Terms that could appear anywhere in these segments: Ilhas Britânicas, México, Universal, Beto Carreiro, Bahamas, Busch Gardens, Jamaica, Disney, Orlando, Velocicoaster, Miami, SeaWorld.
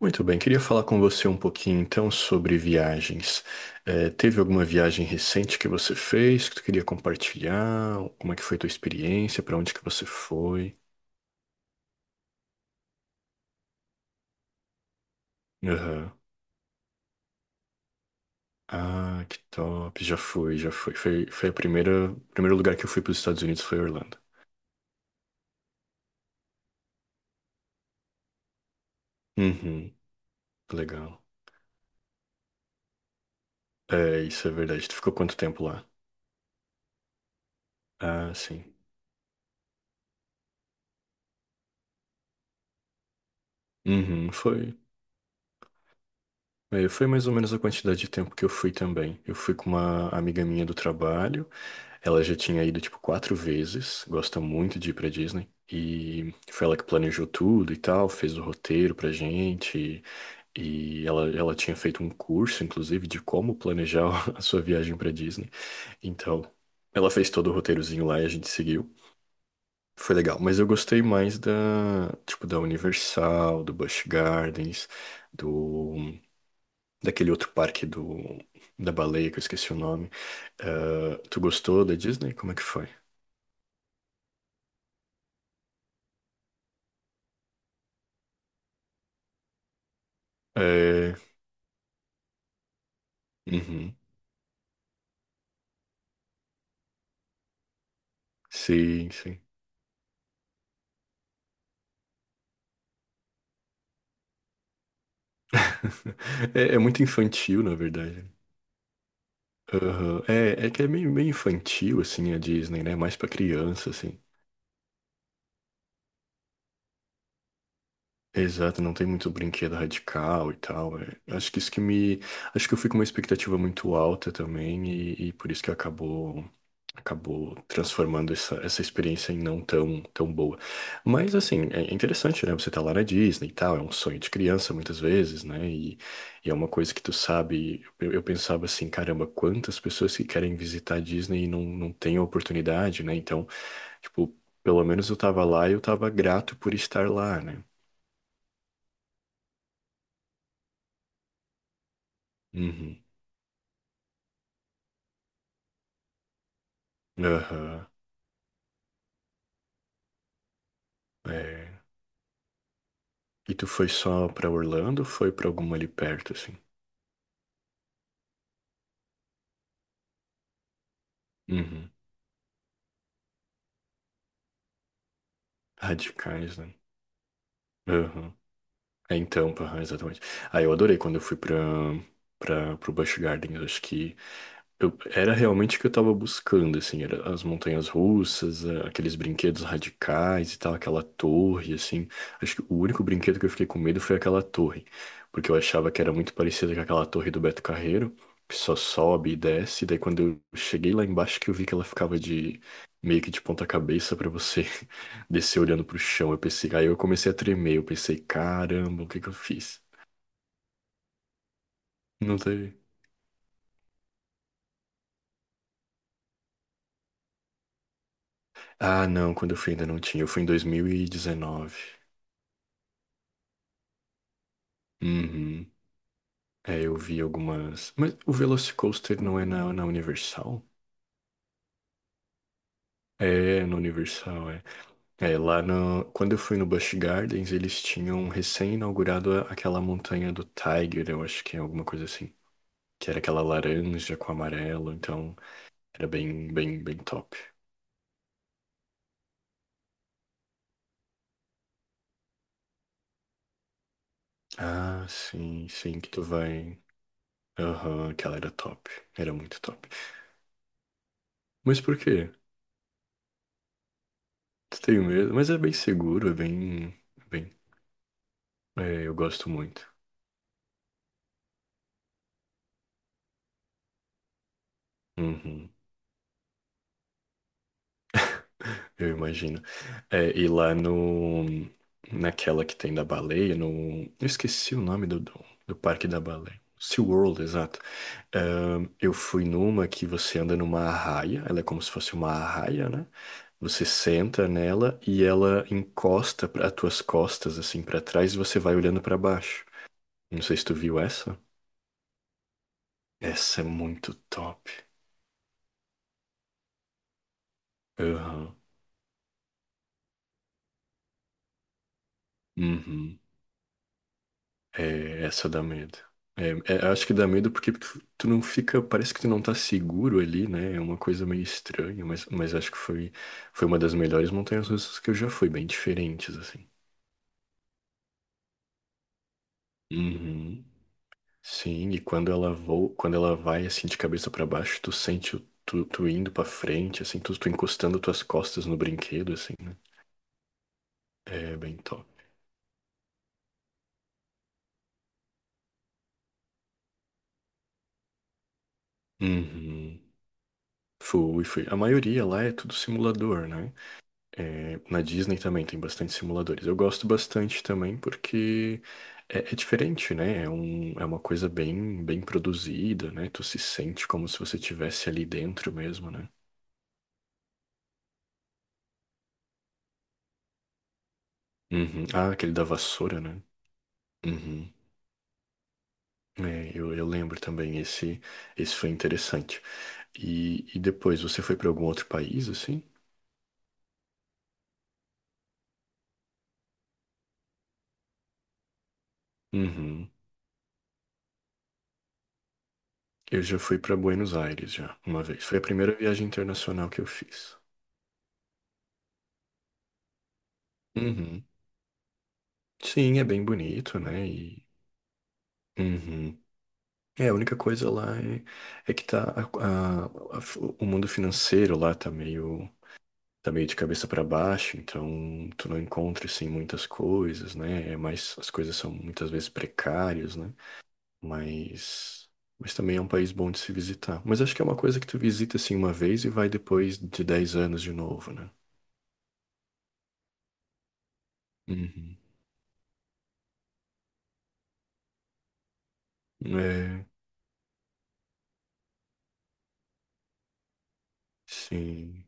Muito bem, queria falar com você um pouquinho então sobre viagens. Teve alguma viagem recente que você fez que tu queria compartilhar? Como é que foi tua experiência? Para onde que você foi? Aham. Ah, que top! Já fui, já fui. Foi o primeiro lugar que eu fui para os Estados Unidos foi Orlando. Uhum, legal. É, isso é verdade. Tu ficou quanto tempo lá? Ah, sim. Uhum, foi. É, foi mais ou menos a quantidade de tempo que eu fui também. Eu fui com uma amiga minha do trabalho. Ela já tinha ido, tipo, quatro vezes, gosta muito de ir pra Disney. E foi ela que planejou tudo e tal, fez o roteiro pra gente. E ela tinha feito um curso, inclusive, de como planejar a sua viagem pra Disney. Então, ela fez todo o roteirozinho lá e a gente seguiu. Foi legal, mas eu gostei mais da, tipo, da Universal, do Busch Gardens, do, daquele outro parque da baleia, que eu esqueci o nome. Tu gostou da Disney? Como é que foi? É. Uhum. Sim, sim. É, é muito infantil, na verdade. Aham. É, é que é meio, meio infantil, assim, a Disney, né? Mais pra criança, assim. Exato, não tem muito brinquedo radical e tal, é. Acho que isso que me. Acho que eu fui com uma expectativa muito alta também, e por isso que acabou transformando essa experiência em não tão boa. Mas assim, é interessante, né? Você tá lá na Disney e tal, é um sonho de criança muitas vezes, né? E é uma coisa que tu sabe. Eu pensava assim, caramba, quantas pessoas que querem visitar a Disney e não têm a oportunidade, né? Então, tipo, pelo menos eu tava lá e eu tava grato por estar lá, né? Uhum. Aham. É. E tu foi só pra Orlando ou foi pra alguma ali perto, assim? Uhum. Radicais, né? Aham. É em Tampa, aham, exatamente. Ah, eu adorei quando eu fui pro Busch Gardens. Acho que eu, era realmente o que eu tava buscando, assim, era as montanhas russas, aqueles brinquedos radicais e tal, aquela torre, assim. Acho que o único brinquedo que eu fiquei com medo foi aquela torre, porque eu achava que era muito parecida com aquela torre do Beto Carreiro, que só sobe e desce, e daí quando eu cheguei lá embaixo que eu vi que ela ficava de meio que de ponta cabeça pra você descer olhando pro chão. Eu pensei, aí eu comecei a tremer, eu pensei, caramba, o que que eu fiz? Não teve. Ah, não, quando eu fui ainda não tinha, eu fui em 2019. Uhum. É, eu vi algumas. Mas o Velocicoaster não é na Universal? É, é na Universal, é. É, lá no... Quando eu fui no Busch Gardens, eles tinham recém-inaugurado aquela montanha do Tiger, eu acho que é alguma coisa assim. Que era aquela laranja com amarelo, então era bem, bem, bem top. Ah, sim, sim, que tu vai. Aham, aquela era top. Era muito top. Mas por quê? Tu tem medo? Mas é bem seguro, é bem. Bem. É, eu gosto muito. Uhum. Eu imagino. É, e lá no, naquela que tem da baleia, no, eu esqueci o nome do parque da baleia. SeaWorld, exato. Eu fui numa que você anda numa arraia, ela é como se fosse uma arraia, né? Você senta nela e ela encosta para as tuas costas, assim, para trás, e você vai olhando para baixo. Não sei se tu viu essa. Essa é muito top. Aham. Uhum. É, essa dá medo. É, Acho que dá medo porque tu não fica, parece que tu não tá seguro ali, né? É uma coisa meio estranha, mas acho que foi uma das melhores montanhas russas que eu já fui, bem diferentes, assim. Uhum. Sim, e quando ela voa, quando ela vai assim de cabeça pra baixo, tu sente tu indo pra frente, assim, tu encostando tuas costas no brinquedo, assim, né? É bem top. Uhum. Fui, fui. A maioria lá é tudo simulador, né? É, na Disney também tem bastante simuladores. Eu gosto bastante também porque é diferente, né? É uma coisa bem, bem produzida, né? Tu se sente como se você estivesse ali dentro mesmo, né? Uhum. Ah, aquele da vassoura, né? Uhum. É, eu lembro também, esse foi interessante. E depois, você foi para algum outro país, assim? Uhum. Eu já fui para Buenos Aires já, uma vez. Foi a primeira viagem internacional que eu fiz. Uhum. Sim, é bem bonito, né? E. Uhum. É, a única coisa é que o mundo financeiro lá tá meio de cabeça para baixo, então tu não encontra assim muitas coisas, né? É mais, as coisas são muitas vezes precárias, né? Mas mas também é um país bom de se visitar. Mas acho que é uma coisa que tu visita assim uma vez e vai depois de dez anos de novo, né? Uhum. É, sim.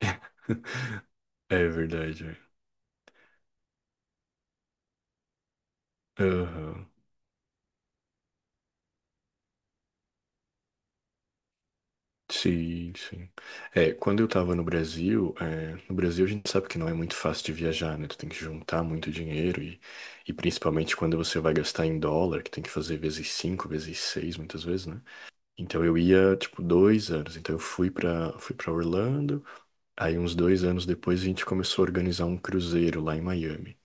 É verdade, é. Aham. Sim, sim. É, quando eu tava no Brasil, é, no Brasil a gente sabe que não é muito fácil de viajar, né? Tu tem que juntar muito dinheiro e, principalmente quando você vai gastar em dólar, que tem que fazer vezes cinco, vezes seis, muitas vezes, né? Então eu ia, tipo, dois anos. Então eu fui pra Orlando, aí uns dois anos depois a gente começou a organizar um cruzeiro lá em Miami.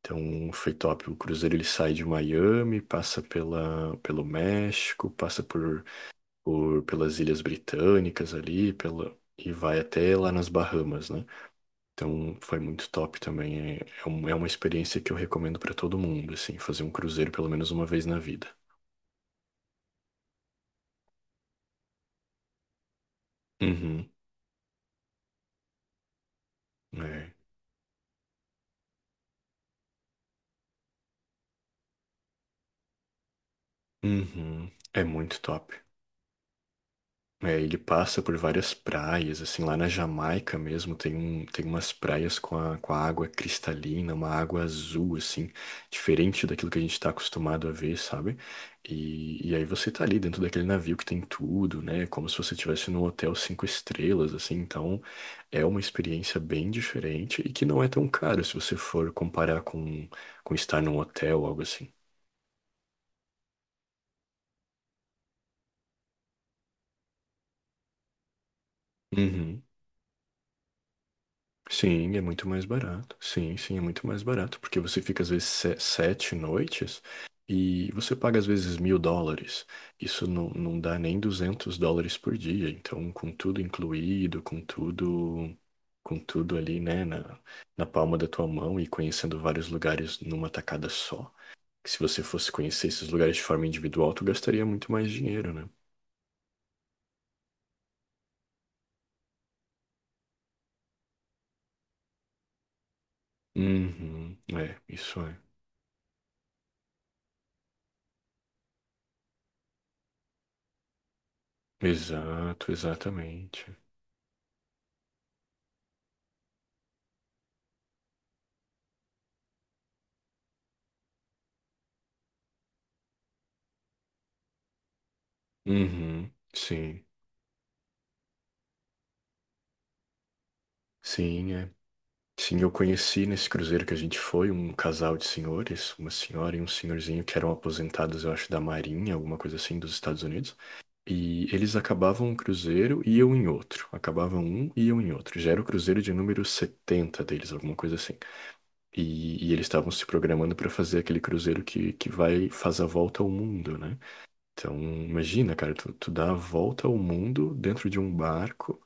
Então foi top. O cruzeiro ele sai de Miami, passa pelo México, passa por pelas Ilhas Britânicas ali, pela e vai até lá nas Bahamas, né? Então foi muito top também. É, é uma experiência que eu recomendo para todo mundo, assim, fazer um cruzeiro pelo menos uma vez na vida. Uhum, é. Uhum, é muito top. É, ele passa por várias praias, assim, lá na Jamaica mesmo tem um, tem umas praias com a água cristalina, uma água azul, assim, diferente daquilo que a gente está acostumado a ver, sabe? E aí você tá ali dentro daquele navio que tem tudo, né? Como se você estivesse num hotel cinco estrelas, assim, então é uma experiência bem diferente e que não é tão caro se você for comparar com, estar num hotel, algo assim. Uhum. Sim, é muito mais barato. Sim, sim, é muito mais barato, porque você fica às vezes sete noites e você paga às vezes mil dólares. Isso não dá nem 200 dólares por dia. Então, com tudo incluído, com tudo ali, né, na palma da tua mão e conhecendo vários lugares numa tacada só. Que se você fosse conhecer esses lugares de forma individual, tu gastaria muito mais dinheiro, né? Uhum, é, isso é. Exato, exatamente. Uhum, sim. Sim, é. Sim, eu conheci nesse cruzeiro que a gente foi um casal de senhores, uma senhora e um senhorzinho que eram aposentados, eu acho, da Marinha, alguma coisa assim, dos Estados Unidos. E eles acabavam um cruzeiro e eu em outro. Acabavam um e eu em outro. Já era o cruzeiro de número 70 deles, alguma coisa assim. E eles estavam se programando para fazer aquele cruzeiro que vai, faz a volta ao mundo, né? Então, imagina, cara, tu dá a volta ao mundo dentro de um barco.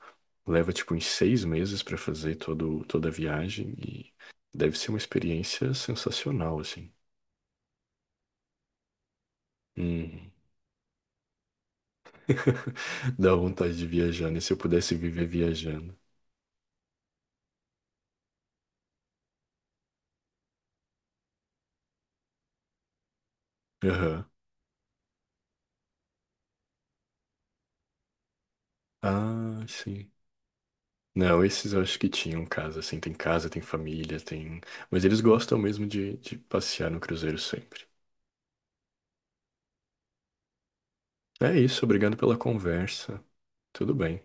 Leva tipo uns seis meses pra fazer toda a viagem e deve ser uma experiência sensacional, assim. Hum. Dá vontade de viajar, né? Se eu pudesse viver viajando. Aham. Ah, sim. Não, esses eu acho que tinham casa, assim. Tem casa, tem família, tem. Mas eles gostam mesmo de passear no cruzeiro sempre. É isso, obrigado pela conversa. Tudo bem.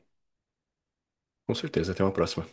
Com certeza, até uma próxima.